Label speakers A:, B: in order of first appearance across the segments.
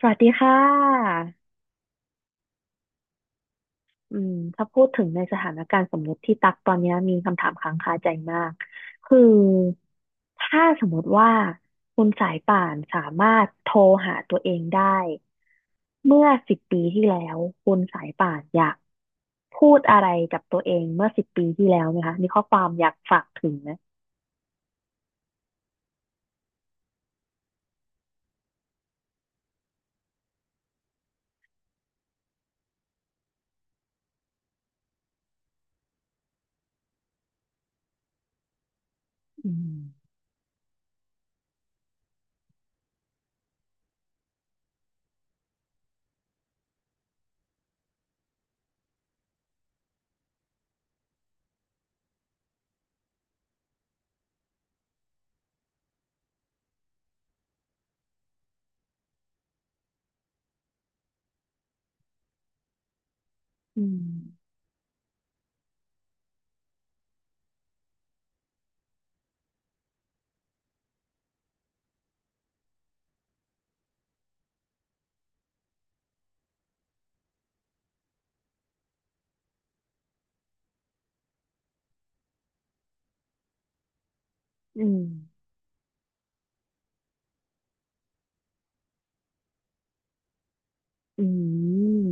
A: สวัสดีค่ะถ้าพูดถึงในสถานการณ์สมมติที่ตักตอนนี้มีคำถามค้างคาใจมากคือถ้าสมมติว่าคุณสายป่านสามารถโทรหาตัวเองได้เมื่อสิบปีที่แล้วคุณสายป่านอยากพูดอะไรกับตัวเองเมื่อสิบปีที่แล้วไหมคะมีข้อความอยากฝากถึงไหมอืมอืมอืมอืม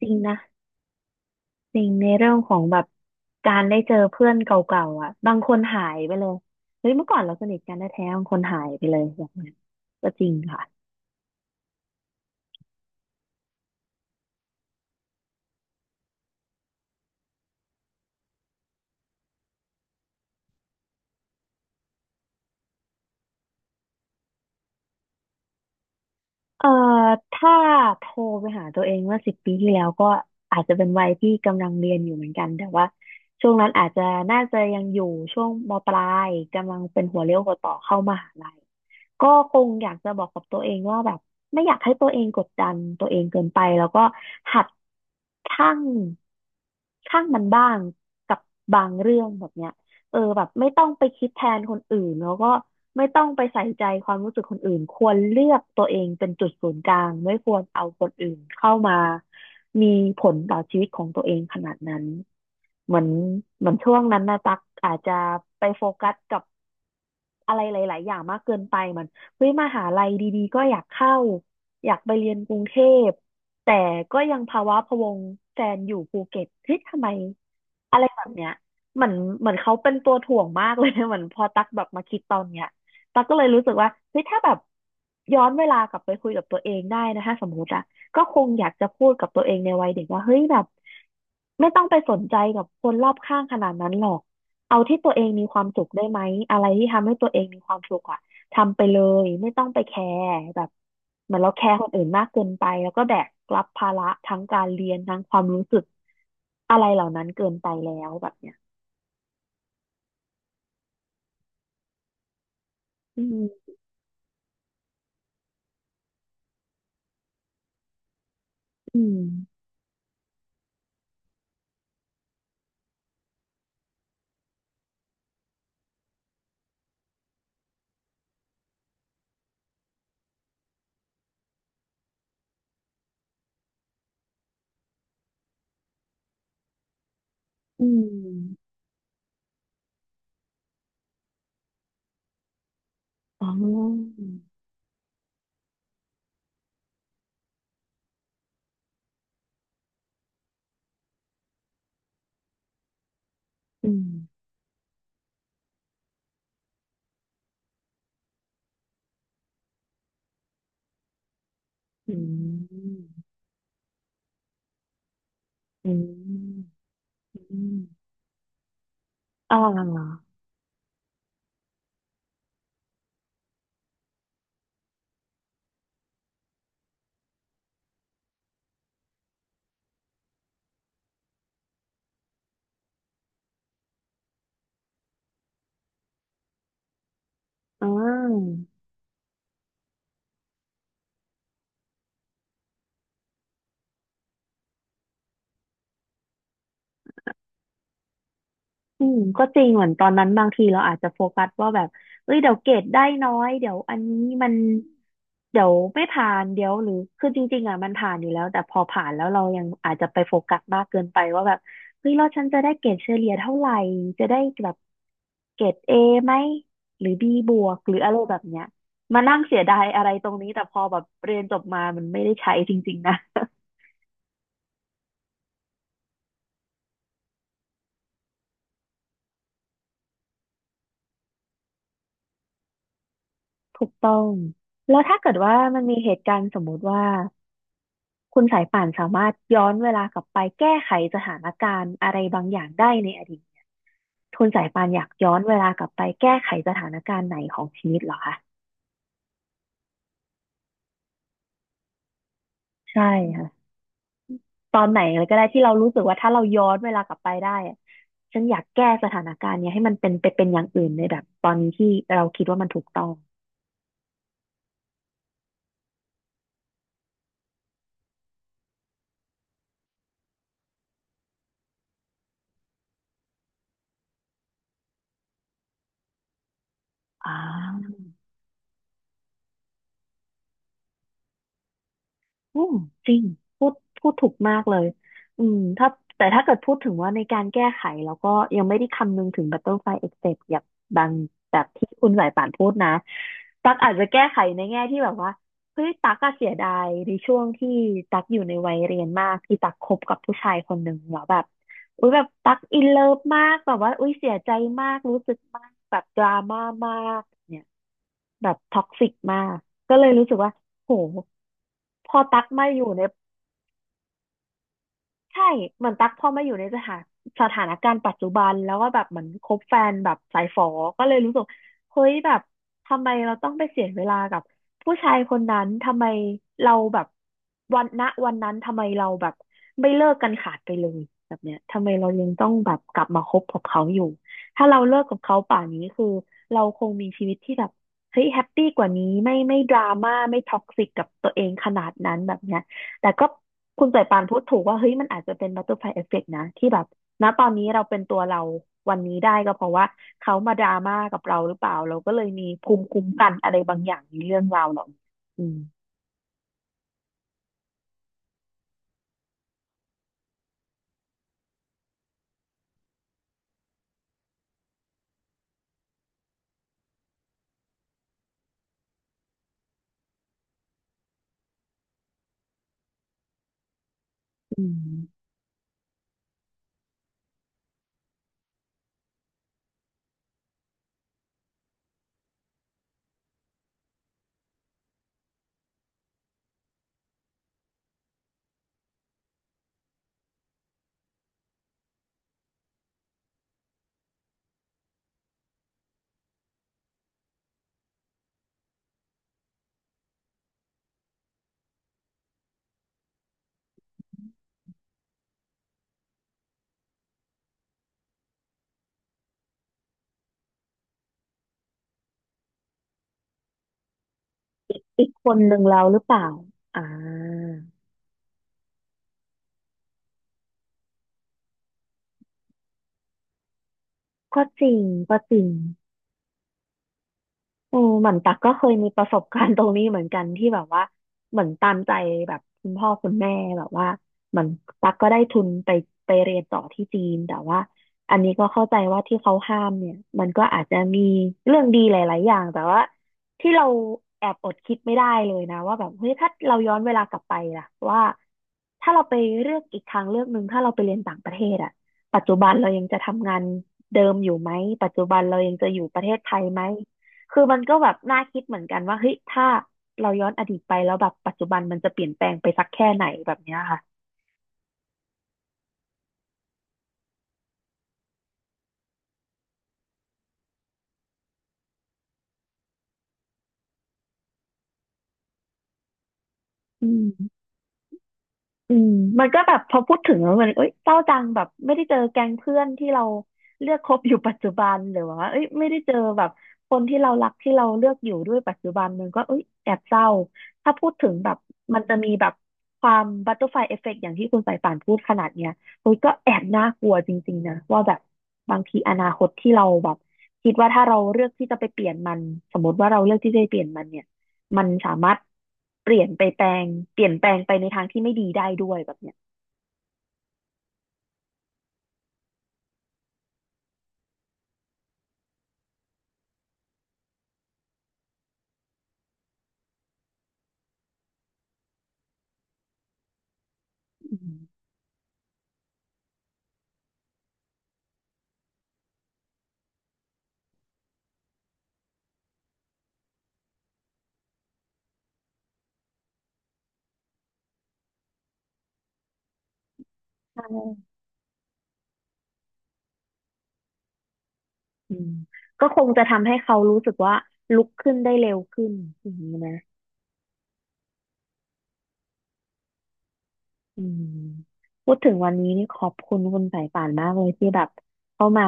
A: จริงนะ จริงในเรื่องของแบบการได้เจอเพื่อนเก่าๆอ่ะบางคนหายไปเลยเฮ้ยเมื่อก่อนเราสนิทกันแท้ๆบางคนหายไปเลยอย่างเงี้ยก็จริงค่ะ เอ่อถ้าโทรไปหาตัวเองเมื่อสิบปีที่แล้วก็อาจจะเป็นวัยที่กำลังเรียนอยู่เหมือนกันแต่ว่าช่วงนั้นอาจจะน่าจะยังอยู่ช่วงมปลายกำลังเป็นหัวเลี้ยวหัวต่อเข้ามหาลัยก็คงอยากจะบอกกับตัวเองว่าแบบไม่อยากให้ตัวเองกดดันตัวเองเกินไปแล้วก็หัดชั่งชั่งมันบ้างกับบางเรื่องแบบเนี้ย เออแบบไม่ต้องไปคิดแทนคนอื่นแล้วก็ไม่ต้องไปใส่ใจความรู้สึกคนอื่นควรเลือกตัวเองเป็นจุดศูนย์กลางไม่ควรเอาคนอื่นเข้ามามีผลต่อชีวิตของตัวเองขนาดนั้นเหมือนเหมือนช่วงนั้นนะตักอาจจะไปโฟกัสกับ อะไรหลายๆอย่างมากเกินไปเหมือนเฮ้ยมหาลัยดีๆก็อยากเข้าอยากไปเรียนกรุงเทพแต่ก็ยังภาวะพะวงแฟนอยู่ภูเก็ตเฮ้ยทำไมอะไรแบบเนี้ยเหมือนเหมือนเขาเป็นตัวถ่วงมากเลย เหมือนพอตักแบบมาคิดตอนเนี้ยตักก็เลยรู้สึกว่าเฮ้ยถ้าแบบย้อนเวลากลับไปคุยกับตัวเองได้นะถ้าสมมติอะก็คงอยากจะพูดกับตัวเองในวัยเด็กว่าเฮ้ยแบบไม่ต้องไปสนใจกับคนรอบข้างขนาดนั้นหรอก เอาที่ตัวเองมีความสุขได้ไหมอะไรที่ทำให้ตัวเองมีความสุขอะทำไปเลยไม่ต้องไปแคร์แบบเหมือนเราแคร์คนอื่นมากเกินไปแล้วก็แบกรับภาระทั้งการเรียนทั้งความรู้สึกอะไรเหล่านั้นเกินไปแล้วแบบเนี้ยอืมอืมอืมอ๋ออืมอืมอืมอืมอ่าอ่า อืมก็จริงเหมือนตอนนั้นบางทีเราอาจจะโฟกัสว่าแบบเอ้ยเดี๋ยวเกรดได้น้อยเดี๋ยวอันนี้มันเดี๋ยวไม่ผ่านเดี๋ยวหรือคือจริงๆอ่ะมันผ่านอยู่แล้วแต่พอผ่านแล้วเรายังอาจจะไปโฟกัสมากเกินไปว่าแบบเฮ้ยแล้วฉันจะได้เกรดเฉลี่ยเท่าไหร่จะได้แบบเกรดเอไหมหรือบีบวกหรืออะไรแบบเนี้ยมานั่งเสียดายอะไรตรงนี้แต่พอแบบเรียนจบมามันไม่ได้ใช้จริงๆนะ ถูกต้องแล้วถ้าเกิดว่ามันมีเหตุการณ์สมมุติว่า คุณสายป่านสามารถย้อนเวลากลับไปแก้ไขสถานการณ์อะไรบางอย่างได้ในอดีตคุณสายป่านอยากย้อนเวลากลับไปแก้ไขสถานการณ์ไหนของชีวิตเหรอคะใช่ค่ะตอนไหนเลยก็ได้ที่เรารู้สึกว่าถ้าเราย้อนเวลากลับไปได้อะฉันอยากแก้สถานการณ์เนี้ยให้มันเป็นไปเป็นอย่างอื่นในแบบตอนนี้ที่เราคิดว่ามันถูกต้องอ่า อืมจริงพูดพูดถูกมากเลยอืมถ้าแต่ถ้าเกิดพูดถึงว่าในการแก้ไขแล้วก็ยังไม่ได้คำนึงถึง Butterfly Effect อย่างบางแบบที่คุณสายป่านพูดนะตักอาจจะแก้ไขในแง่ที่แบบว่าเฮ้ยตักก็เสียดายในช่วงที่ตักอยู่ในวัยเรียนมากที่ตักคบกับผู้ชายคนหนึ่งแล้วแบบอุ้ยแบบตักอินเลิฟมากแบบว่าอุ้ยเสียใจมากรู้สึกมากแบบดราม่ามากเนี่ย แบบท็อกซิกมาก ก็เลยรู้สึกว่า โหพอตักมาอยู่ใน ใช่เหมือนตั๊กพอมาอยู่ในสถานการณ์ปัจจุบันแล้วก็แบบเหมือนคบแฟนแบบสายฝอก็เลยรู้สึกเฮ้ยแบบทำไมเราต้องไปเสียเวลากับผู้ชายคนนั้นทำไมเราแบบวันณวันนั้นทำไมเราแบบไม่เลิกกันขาดไปเลยแบบเนี้ยทำไมเรายังต้องแบบกลับมาคบกับเขาอยู่ถ้าเราเลิกกับเขาป่านนี้คือเราคงมีชีวิตที่แบบเฮ้ยแฮปปี้กว่านี้ไม่ไม่ดราม่าไม่ท็อกซิกกับตัวเองขนาดนั้นแบบเนี้ย แต่ก็คุณสายปานพูดถูกว่าเฮ้ยมันอาจจะเป็นบัตเตอร์ฟลายเอฟเฟกต์นะที่แบบณตอนนี้เราเป็นตัวเราวันนี้ได้ก็เพราะว่าเขามาดราม่ากับเราหรือเปล่าเราก็เลยมีภูมิคุ้มกันอะไรบางอย่างในเรื่องราวเหล่านี้อืมอืมอีกคนหนึ่งเราหรือเปล่าอ่าก็จริงก็จริง เอมเหมือนตักก็เคยมีประสบการณ์ตรงนี้เหมือนกันที่แบบว่าเหมือนตามใจแบบคุณพ่อคุณแม่แบบว่าเหมือนตักก็ได้ทุนไปไปเรียนต่อที่จีนแต่ว่าอันนี้ก็เข้าใจว่าที่เขาห้ามเนี่ยมันก็อาจจะมีเรื่องดีหลายๆอย่างแต่ว่าที่เราแอบอดคิดไม่ได้เลยนะว่าแบบเฮ้ยถ้าเราย้อนเวลากลับไปล่ะว่าถ้าเราไปเลือกอีกทางเลือกหนึ่งถ้าเราไปเรียนต่างประเทศอะปัจจุบันเรายังจะทำงานเดิมอยู่ไหมปัจจุบันเรายังจะอยู่ประเทศไทยไหม คือมันก็แบบน่าคิดเหมือนกันว่าเฮ้ยถ้าเราย้อนอดีตไปแล้วแบบปัจจุบันมันจะเปลี่ยนแปลงไปสักแค่ไหนแบบเนี้ยค่ะอืม อืมมันก็แบบพอพูดถึงแล้วมันเอ้ยเศร้าจังแบบไม่ได้เจอแก๊งเพื่อนที่เราเลือกคบอยู่ปัจจุบันหรือว่าเอ้ยไม่ได้เจอแบบคนที่เรารักที่เราเลือกอยู่ด้วยปัจจุบันมันก็เอ้ยแอบเศร้าถ้าพูดถึงแบบมันจะมีแบบความบัตเตอร์ฟลายเอฟเฟกต์อย่างที่คุณสายป่านพูดขนาดเนี้ยเฮ้ยก็แอบน่ากลัวจริงๆนะว่าแบบบางทีอนาคตที่เราแบบคิดว่าถ้าเราเลือกที่จะไปเปลี่ยนมันสมมติว่าเราเลือกที่จะไปเปลี่ยนมันเนี่ย มันสามารถเปลี่ยนไปแปลงเปลี่ยนแปลงไปในทางที่ไม่ดีได้ด้วยแบบเนี้ยอืมใช่อืมก็คงจะทำให้เขารู้สึกว่าลุกขึ้นได้เร็วขึ้นอย่างนี้นะอืมพูดถึงวันนี้นี่ขอบคุณคุณสายป่านมากเลยที่แบบเข้ามา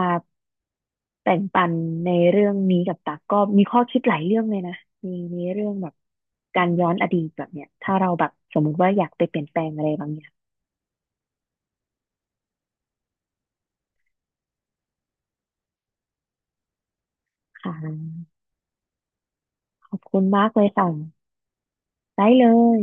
A: แบ่งปันในเรื่องนี้กับตักก็มีข้อคิดหลายเรื่องเลยนะมีมีเรื่องแบบการย้อนอดีตแบบเนี้ยถ้าเราแบบสมมุติว่าอยากไปเปลี่ยนแปลงอะไรบางอย่างค่ะขอบคุณมากเลยค่ะได้เลย